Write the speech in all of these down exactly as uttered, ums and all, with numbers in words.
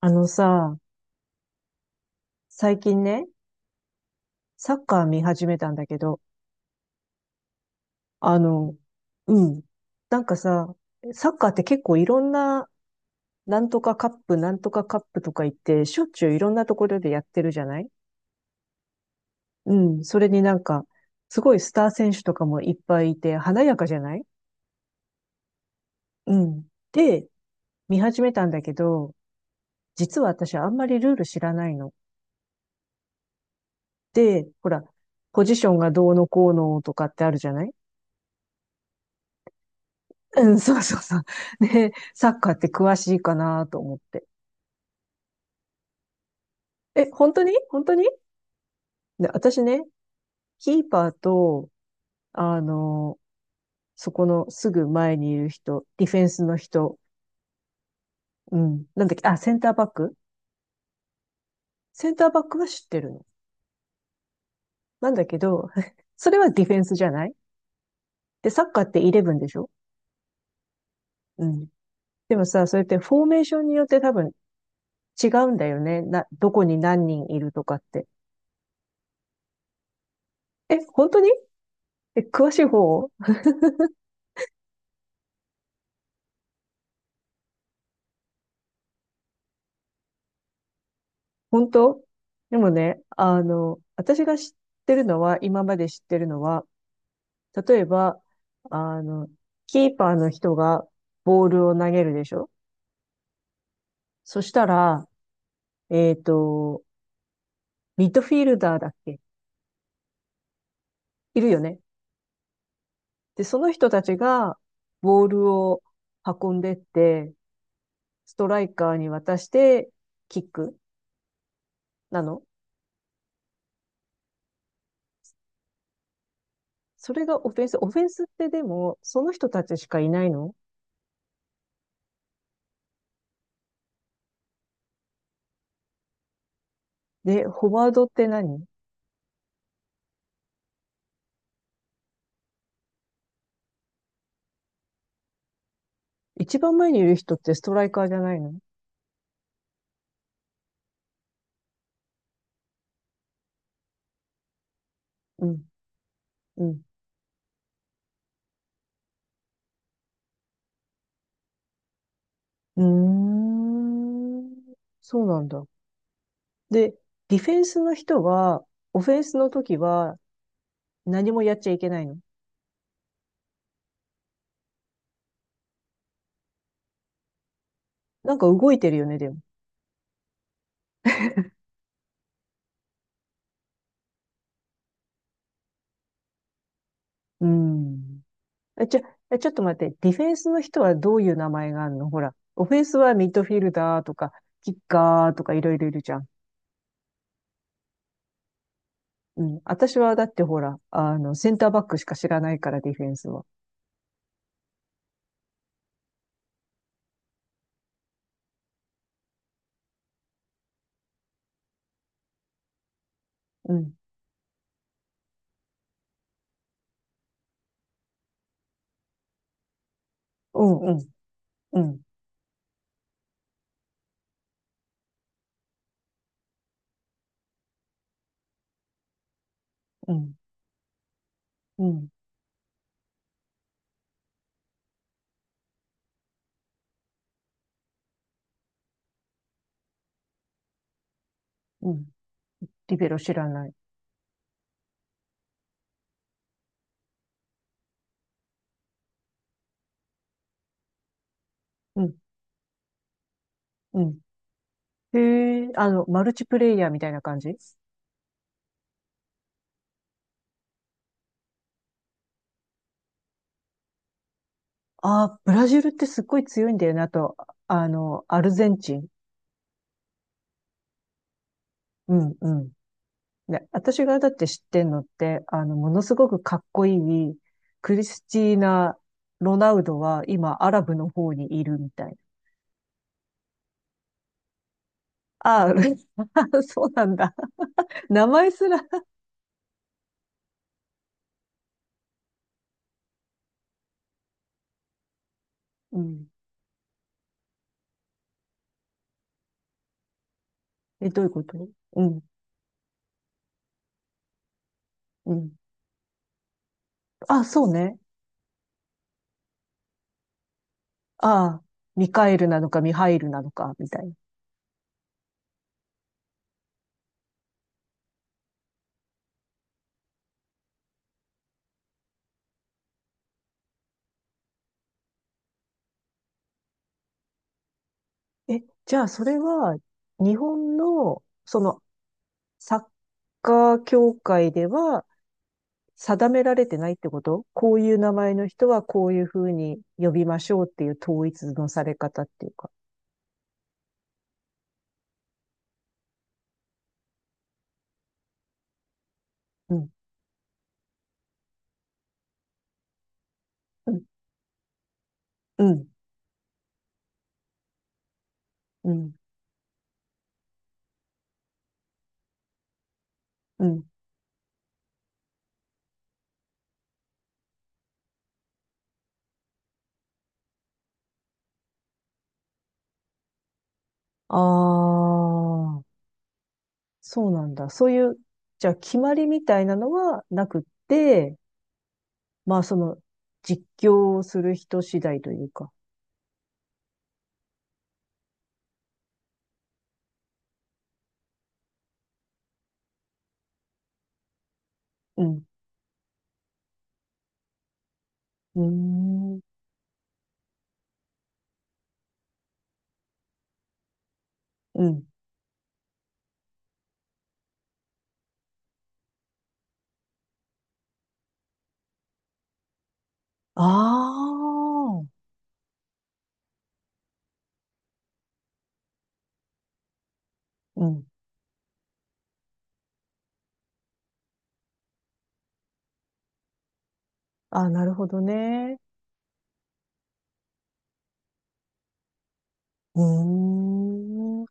あのさ、最近ね、サッカー見始めたんだけど、あの、うん。なんかさ、サッカーって結構いろんな、なんとかカップ、なんとかカップとか言って、しょっちゅういろんなところでやってるじゃない？うん。それになんか、すごいスター選手とかもいっぱいいて、華やかじゃない？うん。で、見始めたんだけど、実は私あんまりルール知らないの。で、ほら、ポジションがどうのこうのとかってあるじゃない？うん、そうそうそう。ね、サッカーって詳しいかなと思って。え、本当に？本当に？で、私ね、キーパーと、あの、そこのすぐ前にいる人、ディフェンスの人、うん、なんだっけ、あ、センターバック。センターバックは知ってるの。なんだけど、それはディフェンスじゃない？で、サッカーってイレブンでしょ？うん。でもさ、それってフォーメーションによって多分違うんだよね。な、どこに何人いるとかって。え、本当に？え、詳しい方？本当？でもね、あの、私が知ってるのは、今まで知ってるのは、例えば、あの、キーパーの人がボールを投げるでしょ？そしたら、えっと、ミッドフィールダーだっけ？いるよね。で、その人たちがボールを運んでって、ストライカーに渡して、キックなの？それがオフェンス。オフェンスってでも、その人たちしかいないの？で、フォワードって何？一番前にいる人ってストライカーじゃないの？うん、うん。うーん。そうなんだ。で、ディフェンスの人は、オフェンスの時は何もやっちゃいけないの？なんか動いてるよね、でも。うん。え、ちょ、え、ちょっと待って。ディフェンスの人はどういう名前があるの？ほら。オフェンスはミッドフィルダーとか、キッカーとかいろいろいるじゃん。うん。私はだってほら、あの、センターバックしか知らないから、ディフェンスは。うん。うん、うん、うん、うん、うん、うん。リベロ知らない。うん、うん。へえ、あの、マルチプレイヤーみたいな感じ？ああ、ブラジルってすっごい強いんだよなと、あの、アルゼンチン。うん、うん。ね、私がだって知ってんのって、あの、ものすごくかっこいい、クリスティーナ・ロナウドは今、アラブの方にいるみたいな。ああ、そうなんだ。名前すら。うん。え、どういうこと？うん、うん。あ、そうね。ああ、ミカエルなのかミハイルなのか、みたい。え、じゃあそれは、日本の、その、サッカー協会では定められてないってこと？こういう名前の人はこういうふうに呼びましょうっていう統一のされ方っていうか。うん、うん、うん、うん、うん。ああ、そうなんだ。そういう、じゃあ決まりみたいなのはなくって、まあその、実況をする人次第というか。うん、うーん、うん。ああ。うん。あ、なるほどね。うーん。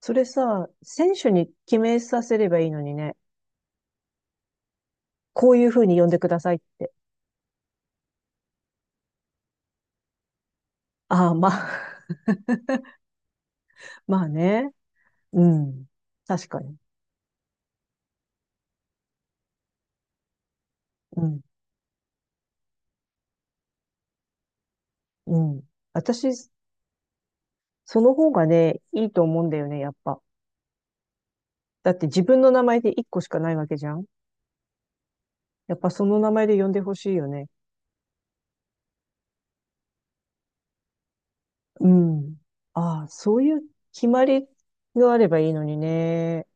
それさ、選手に決めさせればいいのにね。こういうふうに呼んでくださいって。ああ、まあ、まあね。うん。確かに。うん。うん。私、その方がね、いいと思うんだよね、やっぱ。だって自分の名前で一個しかないわけじゃん。やっぱその名前で呼んでほしいよね。うん。ああ、そういう決まりがあればいいのにね。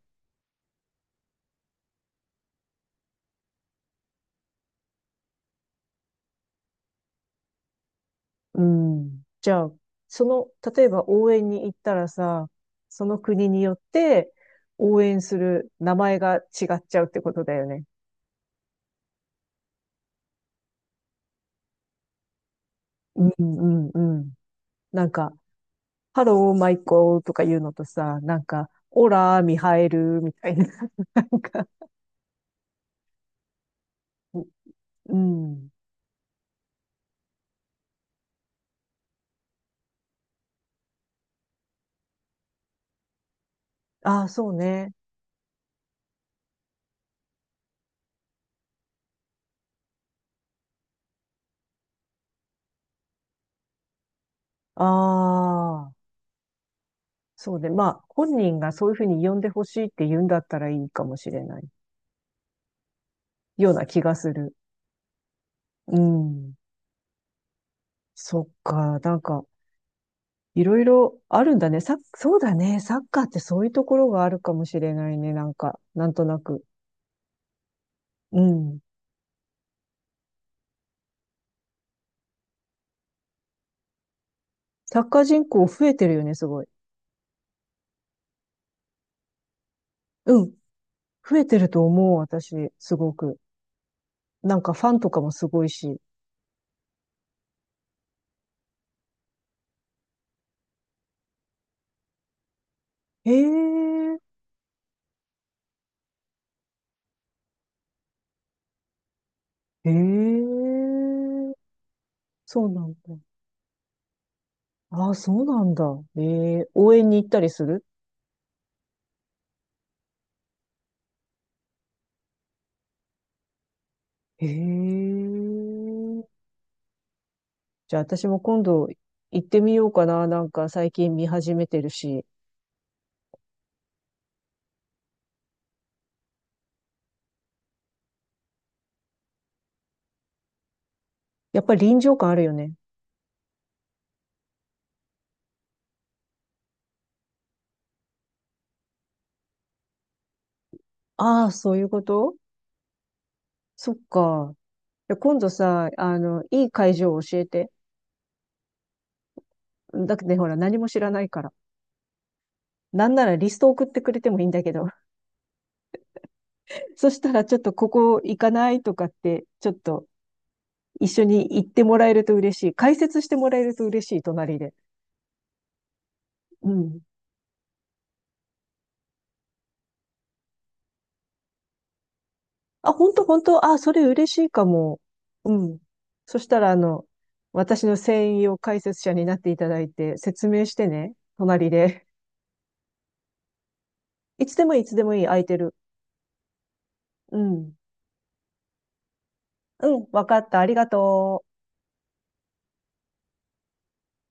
うん。じゃあ、その、例えば応援に行ったらさ、その国によって応援する名前が違っちゃうってことだよね。うんうんうん。なんか、ハローマイコーとか言うのとさ、なんか、オラミハエルみたいな、なんか、うん。ああ、そうね。ああ、そうね。まあ、本人がそういうふうに呼んでほしいって言うんだったらいいかもしれない。ような気がする。うん。そっか。なんか、いろいろあるんだね。サッ、そうだね。サッカーってそういうところがあるかもしれないね。なんか、なんとなく。うん。サッカー人口増えてるよね、すごい。うん。増えてると思う、私、すごく。なんかファンとかもすごいし。へえ、へえ、そうなんだ。ああ、そうなんだ。ええ、応援に行ったりする？へえ。じゃあ私も今度行ってみようかな。なんか最近見始めてるし。やっぱり臨場感あるよね。ああ、そういうこと？そっか。いや今度さ、あの、いい会場を教えて。だってね、ほら、何も知らないから。なんならリスト送ってくれてもいいんだけど。そしたら、ちょっとここ行かないとかって、ちょっと一緒に行ってもらえると嬉しい。解説してもらえると嬉しい、隣で。うん。あ、本当？本当？あ、それ嬉しいかも。うん。そしたら、あの、私の専用解説者になっていただいて、説明してね、隣で。いつでもいい？いつでもいい、空いてる。うん。うん、わかった。ありがとう。